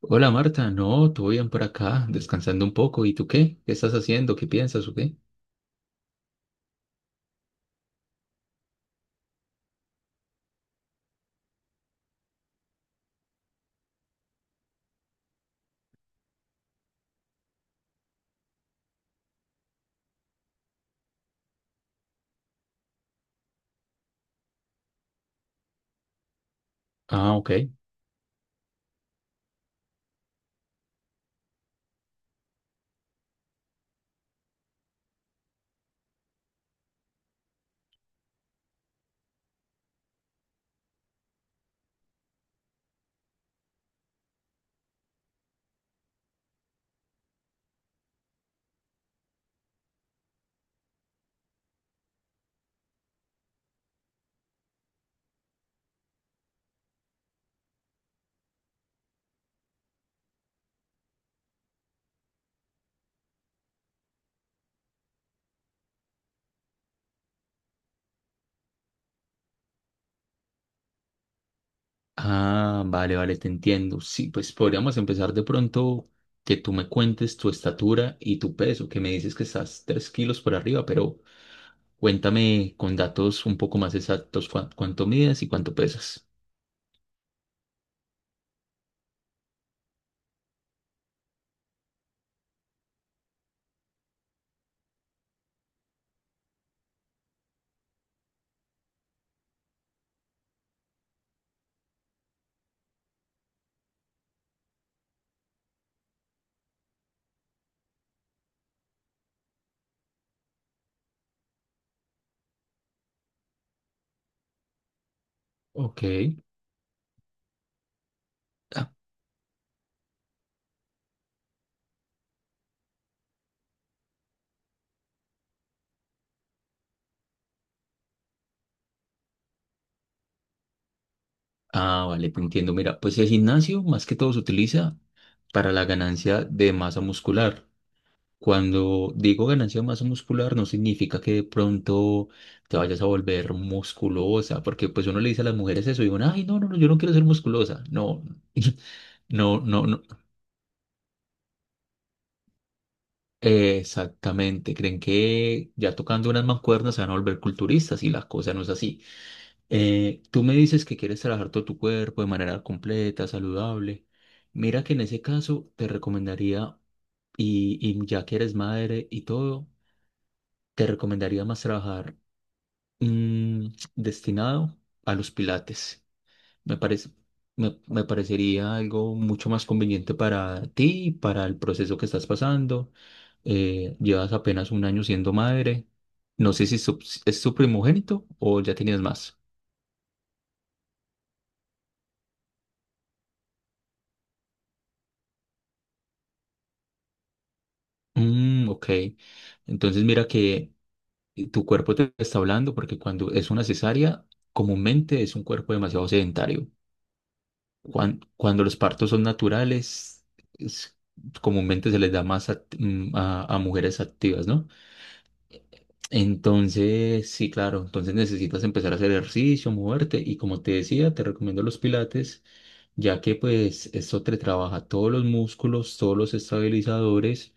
Hola Marta, no, todo bien por acá, descansando un poco. ¿Y tú qué? ¿Qué estás haciendo? ¿Qué piensas o qué? Ah, ok. Ah, vale, vale, te entiendo. Sí, pues podríamos empezar de pronto que tú me cuentes tu estatura y tu peso, que me dices que estás 3 kilos por arriba, pero cuéntame con datos un poco más exactos cuánto mides y cuánto pesas. Ok. Ah, ah, vale, te entiendo. Mira, pues el gimnasio más que todo se utiliza para la ganancia de masa muscular. Cuando digo ganancia de masa muscular, no significa que de pronto te vayas a volver musculosa, porque pues uno le dice a las mujeres eso y digo, ay, no, no, no, yo no quiero ser musculosa. No, no, no, no. Exactamente. Creen que ya tocando unas mancuernas se van a volver culturistas y la cosa no es así. Tú me dices que quieres trabajar todo tu cuerpo de manera completa, saludable. Mira que en ese caso te recomendaría, y ya que eres madre y todo, te recomendaría más trabajar Mm, destinado a los pilates. Me parece, me parecería algo mucho más conveniente para ti, y para el proceso que estás pasando. Llevas apenas un año siendo madre. No sé si es tu primogénito o ya tenías más. Mm, ok. Entonces mira que tu cuerpo te está hablando porque cuando es una cesárea, comúnmente es un cuerpo demasiado sedentario. Cuando, los partos son naturales, es- comúnmente se les da más a mujeres activas, ¿no? Entonces, sí, claro, entonces necesitas empezar a hacer ejercicio, moverte y como te decía, te recomiendo los pilates, ya que pues esto te trabaja todos los músculos, todos los estabilizadores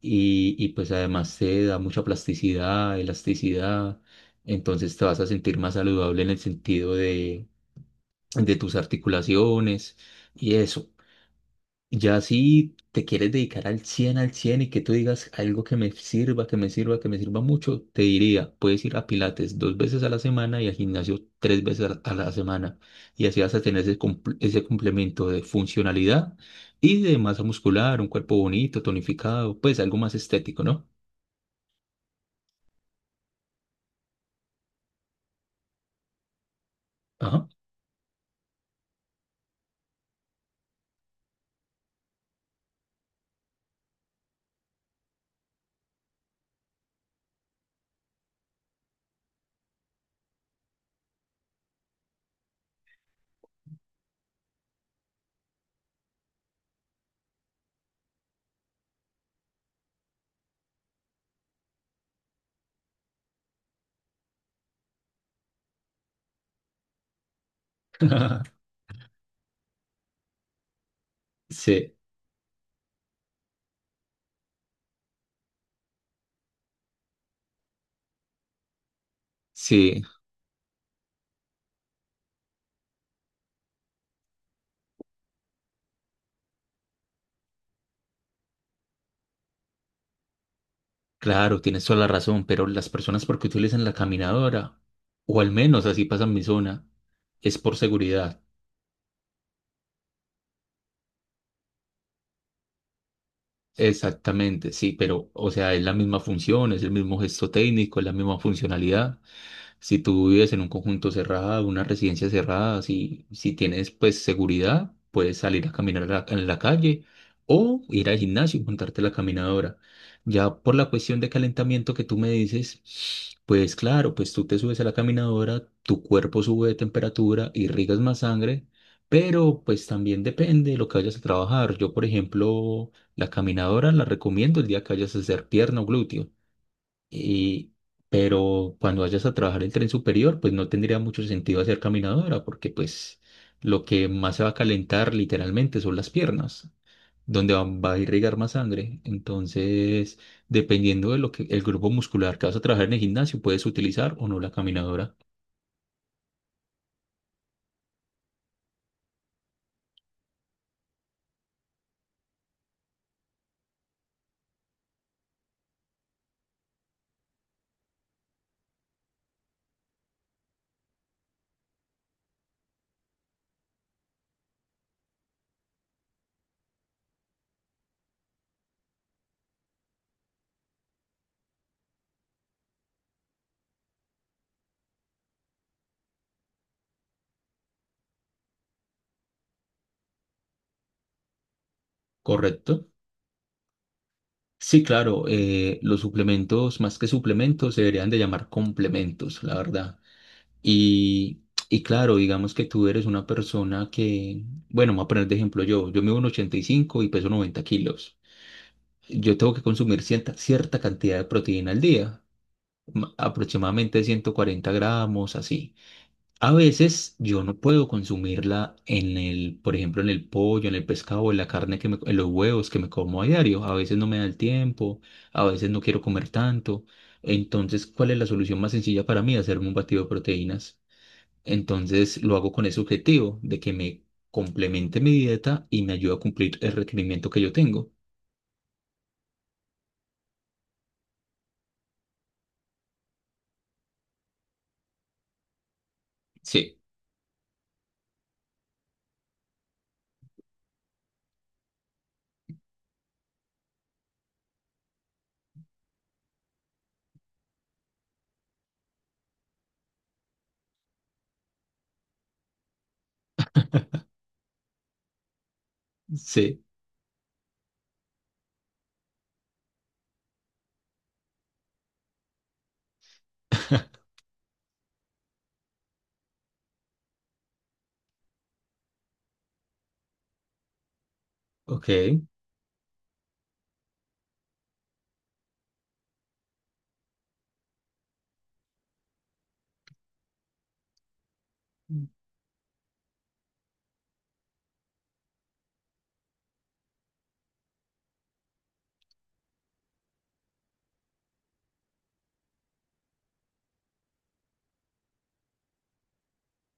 y pues además te da mucha plasticidad, elasticidad, entonces te vas a sentir más saludable en el sentido de, tus articulaciones y eso. Ya si te quieres dedicar al 100 y que tú digas algo que me sirva, que me sirva, que me sirva mucho, te diría, puedes ir a Pilates dos veces a la semana y al gimnasio tres veces a la semana. Y así vas a tener ese complemento de funcionalidad y de masa muscular, un cuerpo bonito, tonificado, pues algo más estético, ¿no? Ajá. Sí, sí, claro, tienes toda la razón, pero las personas porque utilizan la caminadora, o al menos así pasa en mi zona, es por seguridad. Exactamente, sí, pero o sea, es la misma función, es el mismo gesto técnico, es la misma funcionalidad. Si tú vives en un conjunto cerrado, una residencia cerrada, si, si tienes pues seguridad, puedes salir a caminar en la calle o ir al gimnasio y montarte la caminadora. Ya por la cuestión de calentamiento que tú me dices, pues claro, pues tú te subes a la caminadora, tu cuerpo sube de temperatura, irrigas más sangre, pero pues también depende de lo que vayas a trabajar. Yo, por ejemplo, la caminadora la recomiendo el día que vayas a hacer pierna o glúteo y, pero cuando vayas a trabajar el tren superior, pues no tendría mucho sentido hacer caminadora, porque pues lo que más se va a calentar literalmente son las piernas, donde va a irrigar más sangre. Entonces, dependiendo de lo que el grupo muscular que vas a trabajar en el gimnasio, puedes utilizar o no la caminadora, ¿correcto? Sí, claro, los suplementos, más que suplementos, se deberían de llamar complementos, la verdad. Y, y claro, digamos que tú eres una persona que, bueno, me voy a poner de ejemplo yo, yo mido 1,85 y peso 90 kilos. Yo tengo que consumir cierta cantidad de proteína al día, aproximadamente 140 gramos, así. A veces yo no puedo consumirla en por ejemplo, en el pollo, en el pescado, en la carne que me, en los huevos que me como a diario. A veces no me da el tiempo, a veces no quiero comer tanto. Entonces, ¿cuál es la solución más sencilla para mí? Hacerme un batido de proteínas. Entonces lo hago con ese objetivo de que me complemente mi dieta y me ayude a cumplir el requerimiento que yo tengo. Sí, sí, ok.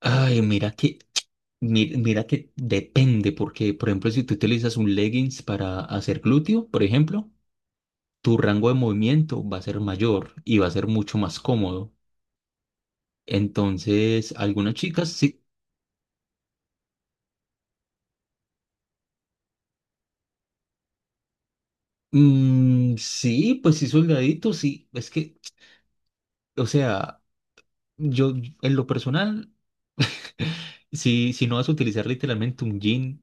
Ay, mira que depende, porque por ejemplo, si tú utilizas un leggings para hacer glúteo, por ejemplo, tu rango de movimiento va a ser mayor y va a ser mucho más cómodo. Entonces, algunas chicas sí, mm, sí, pues sí, soldadito, sí, es que, o sea, yo en lo personal. Si no vas a utilizar literalmente un jean,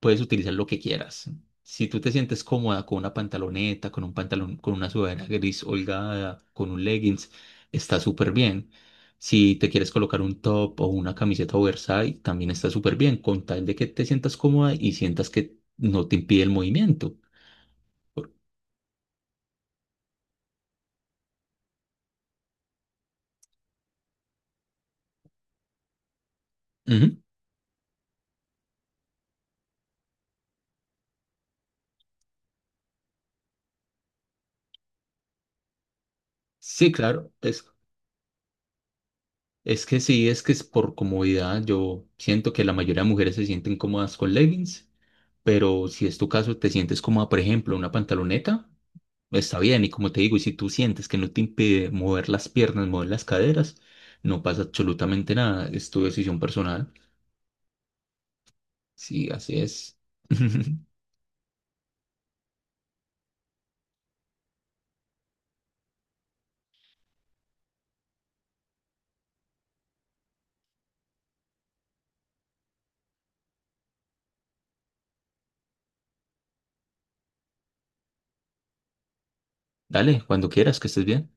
puedes utilizar lo que quieras. Si tú te sientes cómoda con una pantaloneta, con un pantalón, con una sudadera gris holgada, con un leggings, está súper bien. Si te quieres colocar un top o una camiseta oversize, también está súper bien, con tal de que te sientas cómoda y sientas que no te impide el movimiento. Por- Ujú. Sí, claro. Es que sí, es que es por comodidad. Yo siento que la mayoría de mujeres se sienten cómodas con leggings, pero si es tu caso, te sientes cómoda, por ejemplo, una pantaloneta, está bien. Y como te digo, y si tú sientes que no te impide mover las piernas, mover las caderas, no pasa absolutamente nada. Es tu decisión personal. Sí, así es. Dale, cuando quieras, que estés bien.